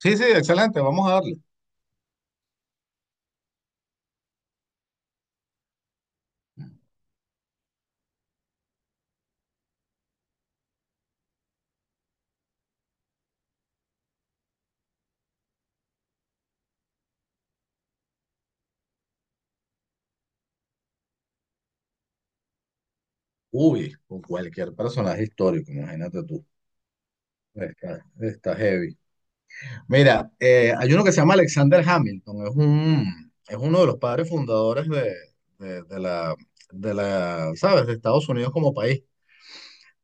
Sí, sí, excelente, vamos a darle. Uy, con cualquier personaje histórico, imagínate tú. Está heavy. Mira, hay uno que se llama Alexander Hamilton, es uno de los padres fundadores de- de la, de ¿sabes? De Estados Unidos como país.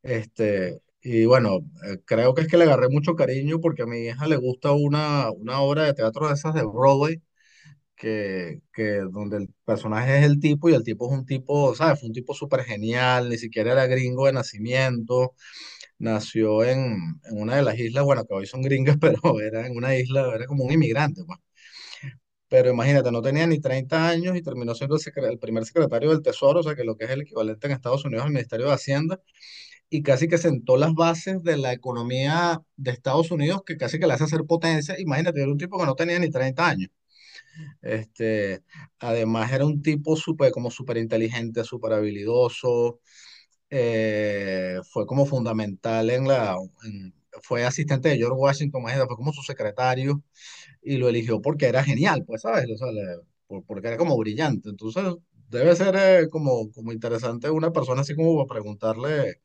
Este, y bueno, creo que es que le agarré mucho cariño porque a mi hija le gusta una obra de teatro de esas de Broadway que donde el personaje es el tipo y el tipo es un tipo, ¿sabes? Fue un tipo súper genial, ni siquiera era gringo de nacimiento, nació en, en una de las islas, bueno, que hoy son gringas, pero era en una isla, era como un inmigrante, pues. Pero imagínate, no tenía ni 30 años y terminó siendo el primer secretario del Tesoro, o sea, que lo que es el equivalente en Estados Unidos al Ministerio de Hacienda, y casi que sentó las bases de la economía de Estados Unidos, que casi que la hace ser potencia. Imagínate, era un tipo que no tenía ni 30 años. Este, además era un como súper inteligente, súper habilidoso, fue como fundamental en- fue asistente de George Washington, imagínate, fue como su secretario y lo eligió porque era genial, pues, ¿sabes? Porque era como brillante, entonces debe ser como, como interesante una persona así como para preguntarle,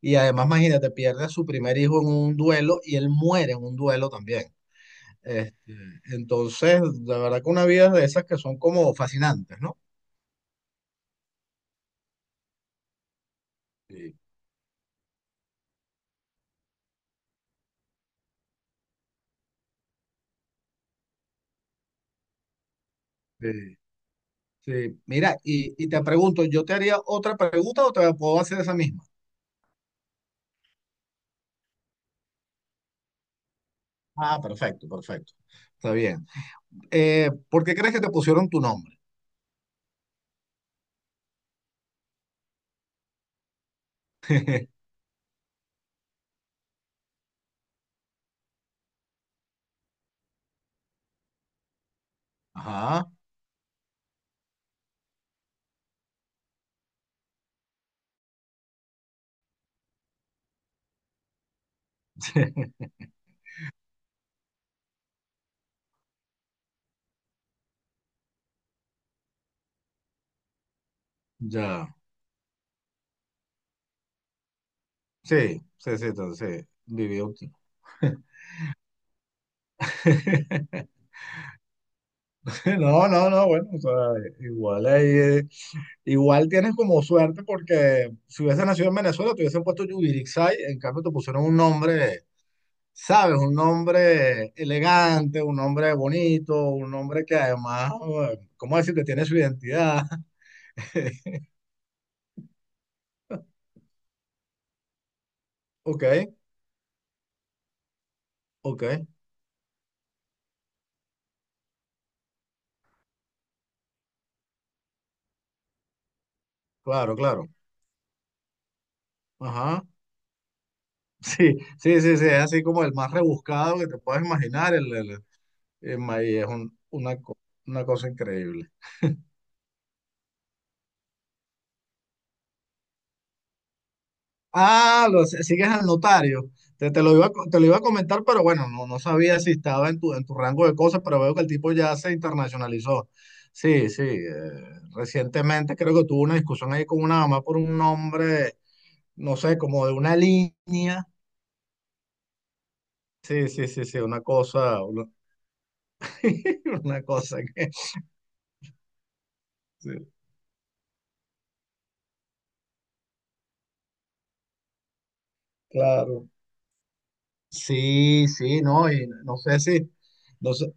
y además imagínate, pierde a su primer hijo en un duelo y él muere en un duelo también. Entonces, la verdad que una vida de esas que son como fascinantes, ¿no? Sí. Sí. Sí. Mira, y te pregunto, ¿yo te haría otra pregunta o te puedo hacer esa misma? Ah, perfecto, perfecto. Está bien. ¿Por qué crees que te pusieron tu nombre? Ajá. Ya. Sí, sí, sí, entonces, vivió. No, no, no, bueno, o sea, igual ahí, igual tienes como suerte porque si hubiese nacido en Venezuela te hubiesen puesto Yubirixay, en cambio te pusieron un nombre, ¿sabes? Un nombre elegante, un nombre bonito, un nombre que además, ¿cómo decirte? Tiene su identidad. Ok, ok, claro, claro. Ajá. Sí, sí, sí, sí, es así como el más rebuscado que te puedes imaginar, el- y es un- una, co- una cosa increíble. Ah, lo si- sigues al notario. Te lo iba a comentar, pero bueno, no, no sabía si estaba en tu rango de cosas, pero veo que el tipo ya se internacionalizó. Sí, sí. Recientemente creo que tuvo una discusión ahí con una mamá por un nombre, no sé, como de una línea. Sí, sí, sí, sí, una cosa, una, una cosa que, sí, claro. Sí, sí, no, y no sé si, no sé.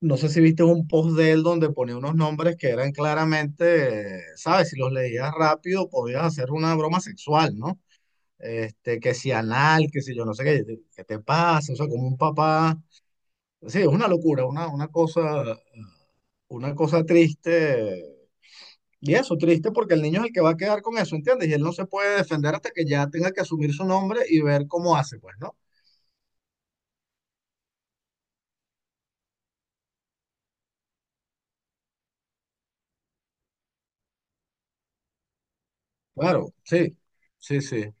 No sé si viste un post de él donde ponía unos nombres que eran claramente, ¿sabes? Si los leías rápido podías hacer una broma sexual, ¿no? Este, que si anal, que si yo no sé qué, qué te pasa, o sea, como un papá. Sí, es una locura, una cosa triste. Y eso, triste porque el niño es el que va a quedar con eso, ¿entiendes? Y él no se puede defender hasta que ya tenga que asumir su nombre y ver cómo hace, pues, ¿no? Claro, sí, sí, sí.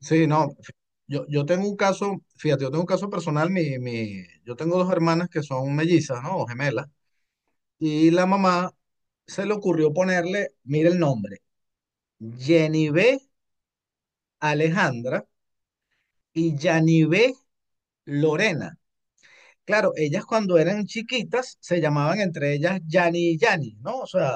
Sí, no, yo, yo tengo un caso, fíjate, yo tengo un caso personal, yo tengo dos hermanas que son mellizas, ¿no? O gemelas, y la mamá se le ocurrió ponerle, mira el nombre, Yanivé Alejandra y Yanivé Lorena. Claro, ellas cuando eran chiquitas se llamaban entre ellas Yani y Yani, ¿no? O sea,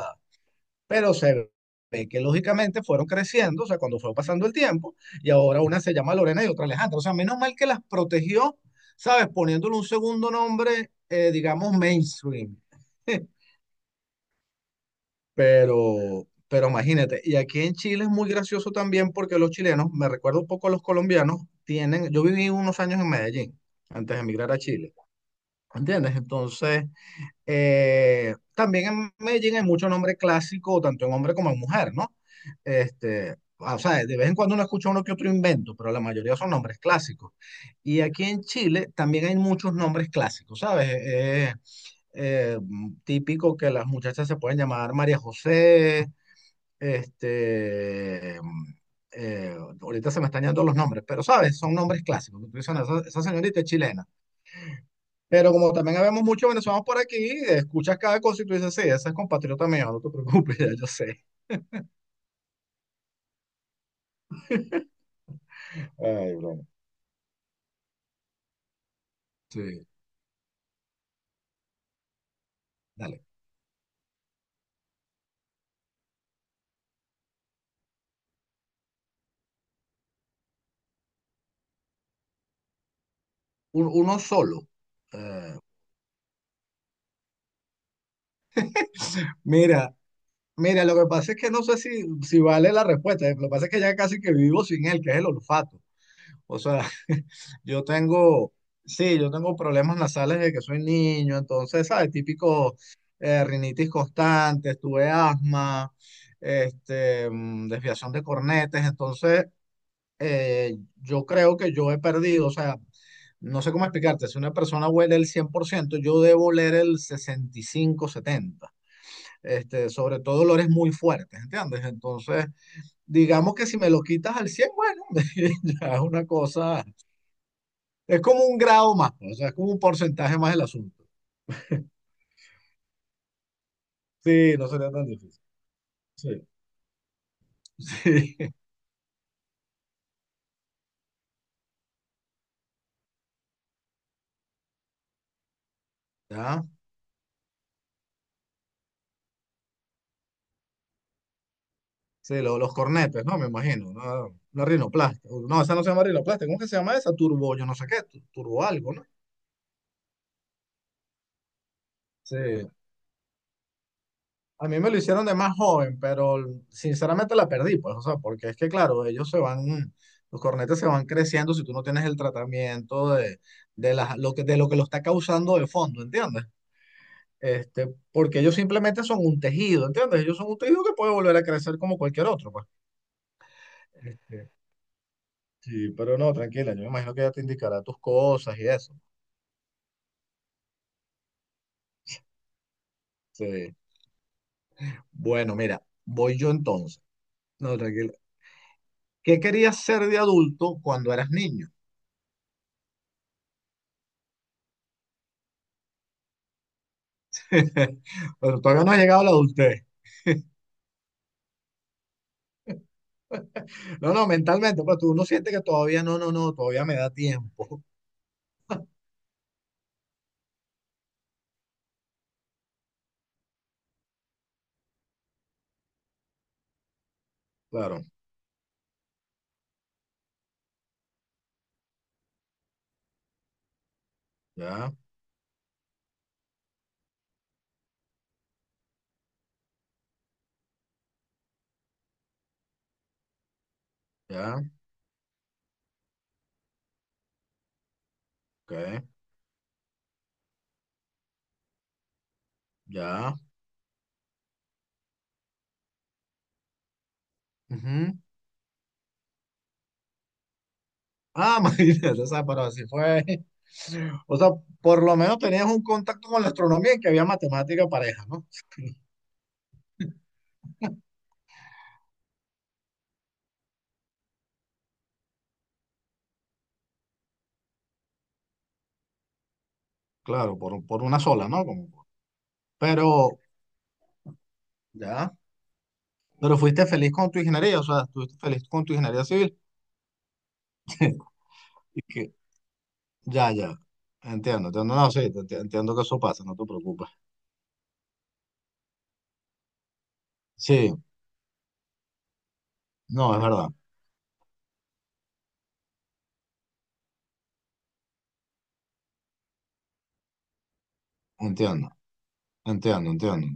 pero se ve que lógicamente fueron creciendo, o sea, cuando fue pasando el tiempo, y ahora una se llama Lorena y otra Alejandra. O sea, menos mal que las protegió, ¿sabes? Poniéndole un segundo nombre, digamos, mainstream. Pero imagínate, y aquí en Chile es muy gracioso también porque los chilenos, me recuerdo un poco a los colombianos, tienen, yo viví unos años en Medellín antes de emigrar a Chile, ¿entiendes? Entonces, también en Medellín hay mucho nombre clásico, tanto en hombre como en mujer, ¿no? Este, o sea, de vez en cuando uno escucha uno que otro invento, pero la mayoría son nombres clásicos. Y aquí en Chile también hay muchos nombres clásicos, ¿sabes? Típico que las muchachas se pueden llamar María José, este, mm, ahorita se me están yendo los nombres, pero ¿sabes? Son nombres clásicos. Tú dices, "No, esa señorita es chilena. Pero como también habemos muchos venezolanos por aquí, escuchas cada cosa y tú dices, sí, ese es compatriota mío, no te preocupes, ya yo sé. Ay, broma. Sí, dale. Uno solo. Eh, mira, mira, lo que pasa es que no sé si, si vale la respuesta. Lo que pasa es que ya casi que vivo sin él, que es el olfato. O sea, yo tengo, sí, yo tengo problemas nasales desde que soy niño, entonces, ¿sabes? Típico rinitis constante, tuve asma, desviación de cornetes, entonces yo creo que yo he perdido, o sea, no sé cómo explicarte, si una persona huele el 100%, yo debo oler el 65, 70, sobre todo olores muy fuertes, ¿entiendes? Entonces, digamos que si me lo quitas al 100, bueno, ya es una cosa, es como un grado más, pues, o sea, es como un porcentaje más del asunto. Sí, no sería tan difícil. Sí. Sí, ya. Sí, los cornetes, ¿no? Me imagino. Una rinoplastia. No, esa no se llama rinoplastia. ¿Cómo que se llama esa? Turbo, yo no sé qué, turbo algo, ¿no? Sí, a mí me lo hicieron de más joven, pero sinceramente la perdí, pues, o sea, porque es que, claro, ellos se van, los cornetes se van creciendo si tú no tienes el tratamiento de lo que lo está causando de fondo, ¿entiendes? Este, porque ellos simplemente son un tejido, ¿entiendes? Ellos son un tejido que puede volver a crecer como cualquier otro, pues. Sí, pero no, tranquila, yo me imagino que ya te indicará tus cosas y eso. Sí. Bueno, mira, voy yo entonces. No, tranquila. ¿Qué querías ser de adulto cuando eras niño? Pero todavía no ha llegado la adultez. No, no, mentalmente, pues tú uno siente que todavía no, no, no, todavía me da tiempo. Claro, ya, ya, ok, ya. Ujú. Ah, imagínate, o sea, pero así fue. O sea, por lo menos tenías un contacto con la astronomía y que había matemática pareja, ¿no? Claro, por una sola, ¿no? Como pero, ya, pero fuiste feliz con tu ingeniería, o sea, estuviste feliz con tu ingeniería civil. Y que, ya, ya, entiendo, entiendo, no, sí, entiendo que eso pasa, no te preocupes. Sí, no, es verdad. Entiendo, entiendo, entiendo,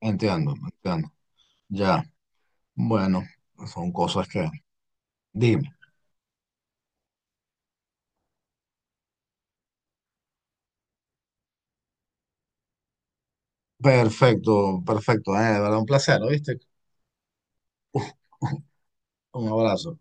entiendo, entiendo. Ya, bueno, son cosas que... Dime. Perfecto, perfecto. De verdad, un placer, ¿viste? Un abrazo.